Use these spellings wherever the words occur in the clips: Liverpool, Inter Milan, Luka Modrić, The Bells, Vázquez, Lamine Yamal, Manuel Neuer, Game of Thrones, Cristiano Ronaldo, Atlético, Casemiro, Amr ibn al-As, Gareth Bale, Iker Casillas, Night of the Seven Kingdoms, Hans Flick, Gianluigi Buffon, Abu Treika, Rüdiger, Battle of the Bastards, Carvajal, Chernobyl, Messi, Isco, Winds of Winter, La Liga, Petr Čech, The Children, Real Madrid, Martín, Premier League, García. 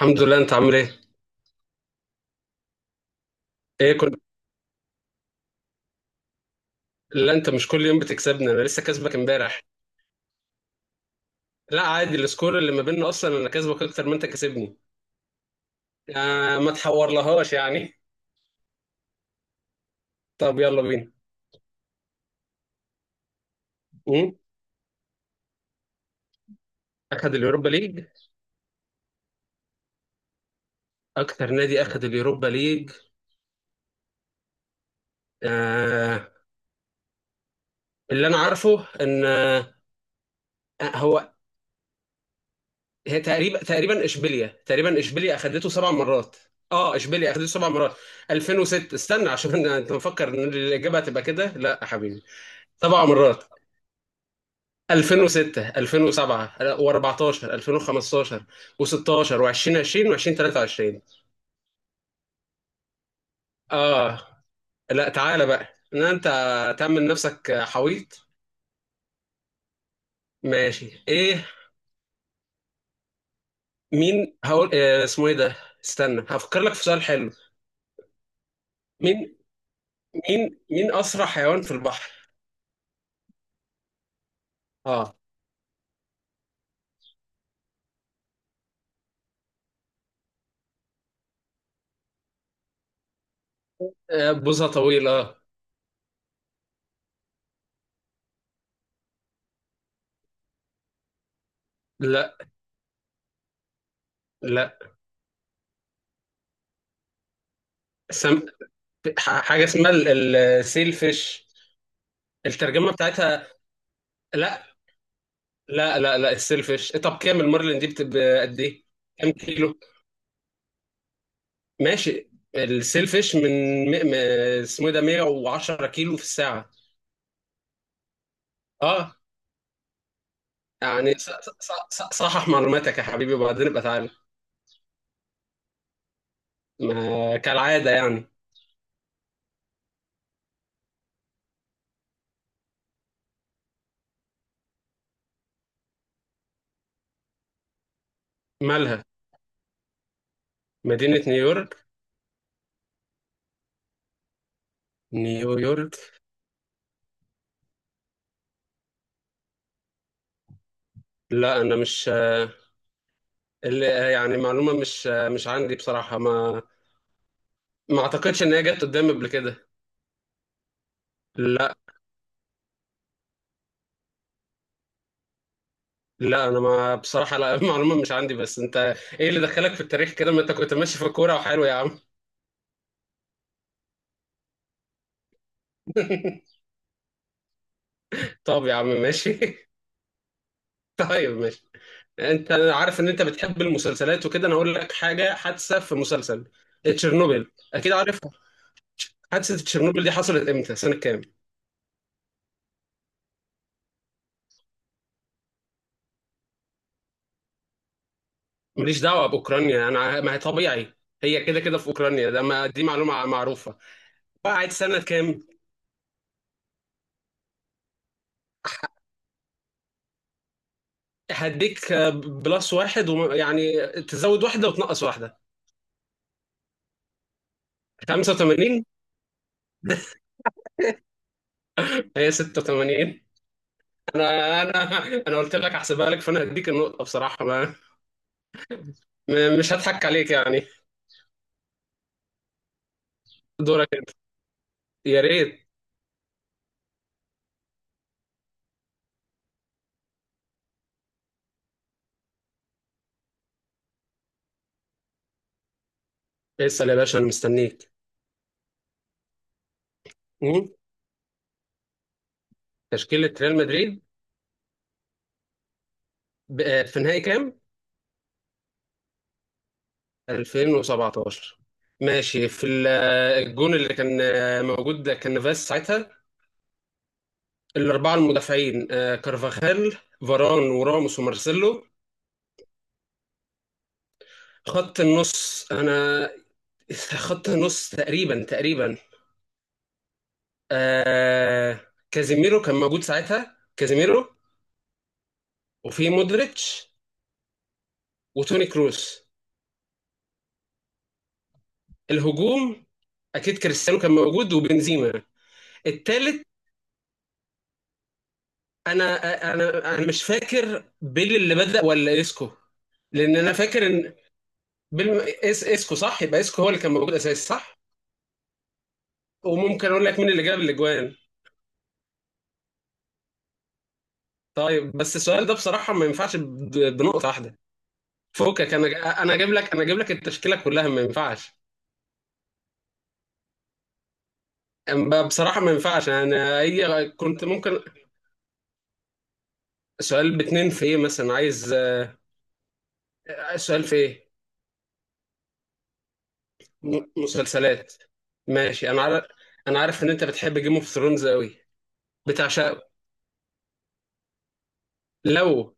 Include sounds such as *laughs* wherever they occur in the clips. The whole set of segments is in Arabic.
الحمد لله، انت عامل ايه؟ ايه كل لا انت مش كل يوم بتكسبني، انا لسه كسبك امبارح. لا عادي، السكور اللي ما بيننا اصلا انا كسبك اكتر ما انت كسبني. آه ما تحورلهاش يعني. طب يلا بينا. مم؟ اخد اليوروبا ليج. اكتر نادي اخد اليوروبا ليج آه، اللي انا عارفه ان آه هو هي تقريبا اشبيليا، تقريبا اشبيليا اخدته سبع مرات. اه اشبيليا اخدته سبع مرات. 2006 استنى، انت مفكر ان الاجابه هتبقى كده؟ لا يا حبيبي. سبع مرات: 2006، 2007، و14، 2015، و16، و2020، و2023. اه لا تعالى بقى ان انت تعمل نفسك حويط. ماشي ايه. مين هقول اسمه ايه ده، استنى هفكر لك في سؤال حلو. مين مين اسرع حيوان في البحر؟ اه. آه، بوزة طويلة. لا. لا. سم... حاجة اسمها السيل فيش، الترجمة بتاعتها. لا لا لا، السيلفش. طب كام المارلين دي بتبقى قد ايه؟ كام كيلو؟ ماشي، السيلفش من م... م... اسمه إيه ده، 110 كيلو في الساعة. اه. يعني صحح معلوماتك يا حبيبي، وبعدين ابقى تعالى. ما كالعادة يعني. مالها مدينة نيويورك؟ نيويورك؟ لا انا مش اللي يعني معلومة مش مش عندي بصراحة ما، ما اعتقدش ان هي جت قدامي قبل كده. لا لا انا ما بصراحه لا. *laughs* المعلومه مش عندي. بس انت ايه اللي دخلك في التاريخ كده؟ ما انت كنت ماشي في الكوره وحلو يا عم. *laughs* طب يا عم ماشي. *laughs* طيب ماشي. انت أنا عارف ان انت بتحب المسلسلات وكده، انا هقول لك حاجه حادثه في مسلسل. تشيرنوبل اكيد عارفها. حادثه تشيرنوبل دي حصلت امتى، سنه كام؟ ماليش دعوه باوكرانيا، ما هي طبيعي هي كده كده في اوكرانيا، ده ما دي معلومه معروفه. وقعت سنه كام؟ هديك بلس واحد يعني تزود واحده وتنقص واحده. 85؟ هي 86. انا انا انا قلت لك احسبها لك، فانا هديك النقطه بصراحه. ما مش هضحك عليك يعني. دورك أنت. يا ريت. اسال يا باشا انا مستنيك. مم. تشكيله ريال مدريد، في نهائي كام؟ 2017. ماشي، في الجون اللي كان موجود ده كان فاس ساعتها. الاربعه المدافعين: كارفاخال، فاران، وراموس، ومارسيلو. خط النص انا *laughs* خط النص تقريبا آه، كازيميرو كان موجود ساعتها، كازيميرو. وفي مودريتش وتوني كروس. الهجوم، اكيد كريستيانو كان موجود وبنزيما. التالت انا انا مش فاكر بيل اللي بدأ ولا اسكو. لان انا فاكر ان بيل اسكو، صح؟ يبقى اسكو هو اللي كان موجود اساسي صح. وممكن اقول لك مين اللي جاب الاجوان. طيب بس السؤال ده بصراحة ما ينفعش بنقطة واحدة. فوقك، انا اجيب لك، انا اجيب لك التشكيلة كلها، ما ينفعش. بصراحة ما ينفعش، انا هي كنت ممكن. سؤال باتنين في ايه مثلا عايز؟ السؤال في ايه؟ مسلسلات. ماشي، انا عارف. انا عارف ان انت بتحب جيم اوف ثرونز قوي، بتعشقه. لو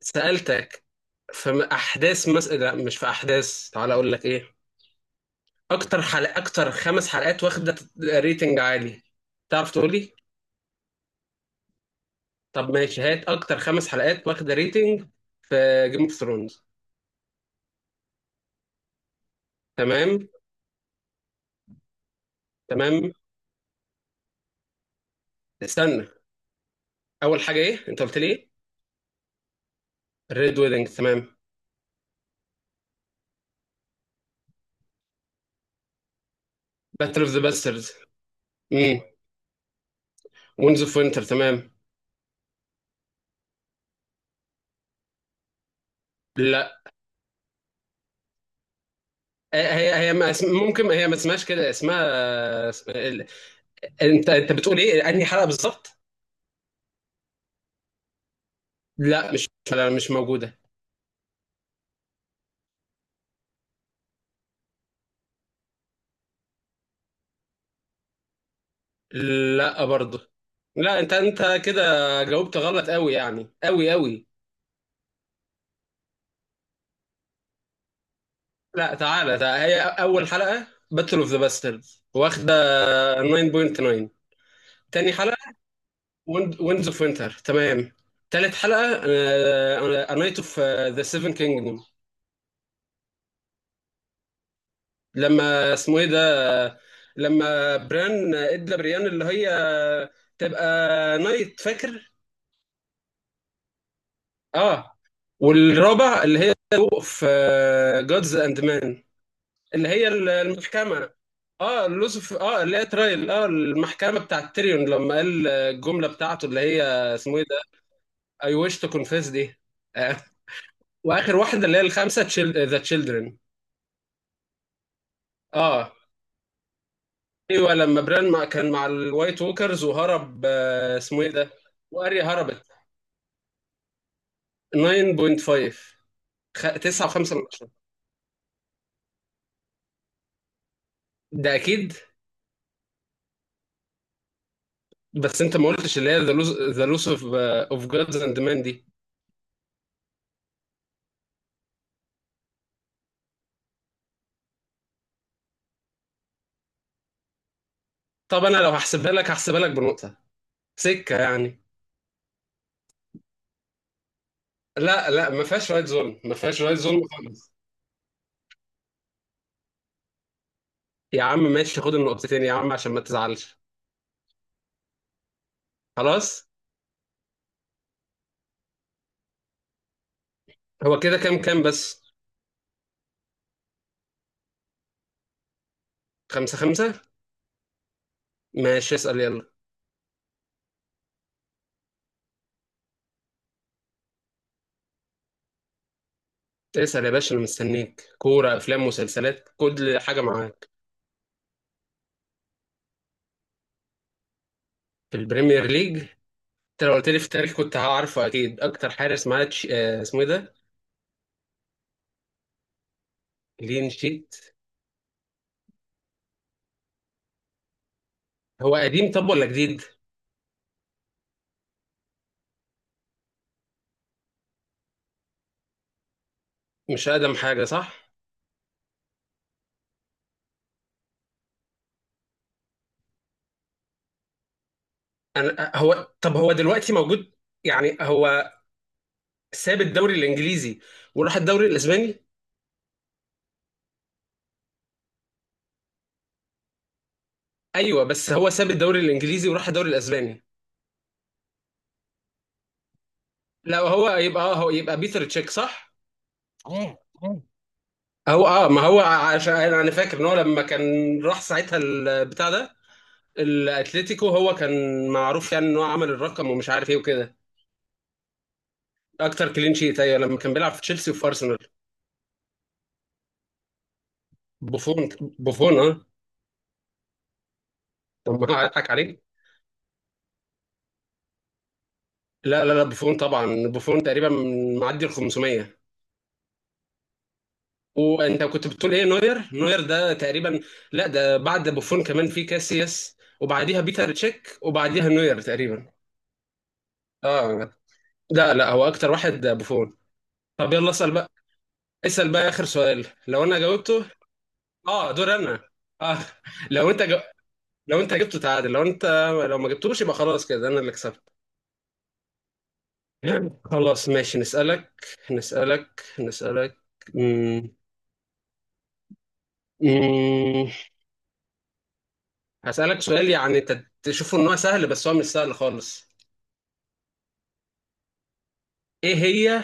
سألتك في لا مش في احداث، تعالى اقول لك ايه. اكتر خمس حلقات واخدة ريتنج عالي، تعرف تقول لي؟ طب ماشي، هات اكتر خمس حلقات واخدة ريتنج في جيم اوف ثرونز. تمام. تمام. استنى، اول حاجة ايه، انت قلت لي ايه؟ ريد ويدنج، تمام. باتل اوف ذا باسترز. امم، وينز اوف وينتر تمام. لا. آه، هي هي ما اسم- ممكن هي ما اسمهاش كده، انت انت بتقول ايه، انهي حلقه بالظبط؟ لا مش، لا مش موجوده. لا برضه. لا انت انت كده جاوبت غلط قوي يعني، قوي قوي. لا تعالى، ده هي اول حلقه باتل اوف ذا باسترز، واخده 9.9. تاني حلقه ويندز اوف وينتر، تمام. تالت حلقه نايت اوف ذا سيفن كينجدوم، لما اسمه ايه، لما بران ادى بريان اللي هي تبقى نايت، فاكر؟ اه. والرابع اللي هي في جادز اند مان، اللي هي المحكمة. اه لوسف، اه، اللي هي ترايل، اه، المحكمة بتاعت تيريون لما قال الجملة بتاعته اللي هي اسمه ايه ده، I wish to confess دي. آه. واخر واحدة اللي هي الخامسة، ذا تشيلدرن. اه، ايوه، لما بران مع كان مع الوايت ووكرز وهرب، اسمه ايه ده، واريا هربت. 9.5. تسعة وخمسة من عشرة. ده أكيد. بس أنت ما قلتش اللي هي ذا لوس أوف أوف جادز أند مان دي. طب أنا لو هحسبها لك هحسبها لك بنقطة، سكة يعني. لا لا، ما فيهاش رايت زون، ما فيهاش رايت زون خالص. يا عم ماشي، خد النقطتين يا عم عشان ما تزعلش. خلاص. هو كده كام، كام بس؟ خمسة. ماشي، اسأل يلا. اسأل يا باشا أنا مستنيك، كورة أفلام مسلسلات كل حاجة معاك. في البريمير ليج؟ أنت لو قلت لي في التاريخ كنت هعرفه أكيد. أكتر حارس معاه اسمه إيه ده؟ لين شيت. هو قديم طب ولا جديد؟ مش اقدم حاجه، صح؟ انا هو، طب هو دلوقتي موجود؟ يعني هو ساب الدوري الانجليزي وراح الدوري الاسباني؟ ايوه بس هو ساب الدوري الانجليزي وراح الدوري الاسباني. لا هو يبقى اه، هو يبقى بيتر تشيك، صح؟ هو اه، ما هو عشان انا أنا فاكر ان هو لما كان راح ساعتها البتاع ده الاتليتيكو، هو كان معروف يعني ان هو عمل الرقم ومش عارف ايه وكده. اكتر كلين شيت ايوه لما كان بيلعب في تشيلسي وفي ارسنال. بوفون. بوفون، اه. طب ما اضحك عليك. لا، بوفون طبعا. بوفون تقريبا معدي ال 500. وانت كنت بتقول ايه، نوير؟ نوير ده تقريبا لا، ده بعد بوفون كمان في كاسياس، وبعديها بيتر تشيك، وبعديها نوير تقريبا. اه. لا لا، هو اكتر واحد بوفون. طب يلا اسال بقى. اسال بقى اخر سؤال، لو انا جاوبته اه دور انا. اه. لو انت لو انت جبته تعادل، لو انت لو ما جبتوش يبقى خلاص كده انا اللي كسبت. خلاص ماشي نسالك، نسالك. مم. مم. هسألك سؤال يعني انت تشوفه ان هو سهل، بس هو مش سهل خالص. ايه هي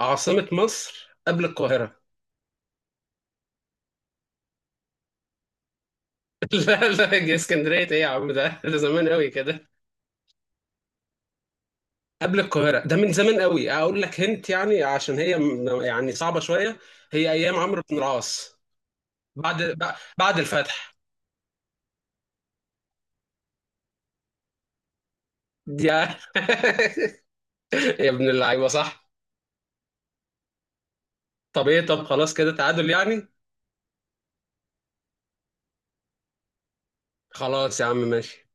عاصمة مصر قبل القاهرة؟ *laughs* لا لا، يا اسكندرية ايه يا عم، ده ده زمان قوي كده. قبل القاهرة ده من زمان قوي، اقول لك هنت يعني عشان هي يعني صعبة شوية. هي ايام عمرو بن العاص، بعد بعد الفتح. يا *laughs* يا ابن اللعيبة، صح. طب ايه، طب خلاص كده تعادل يعني. خلاص يا عم ماشي.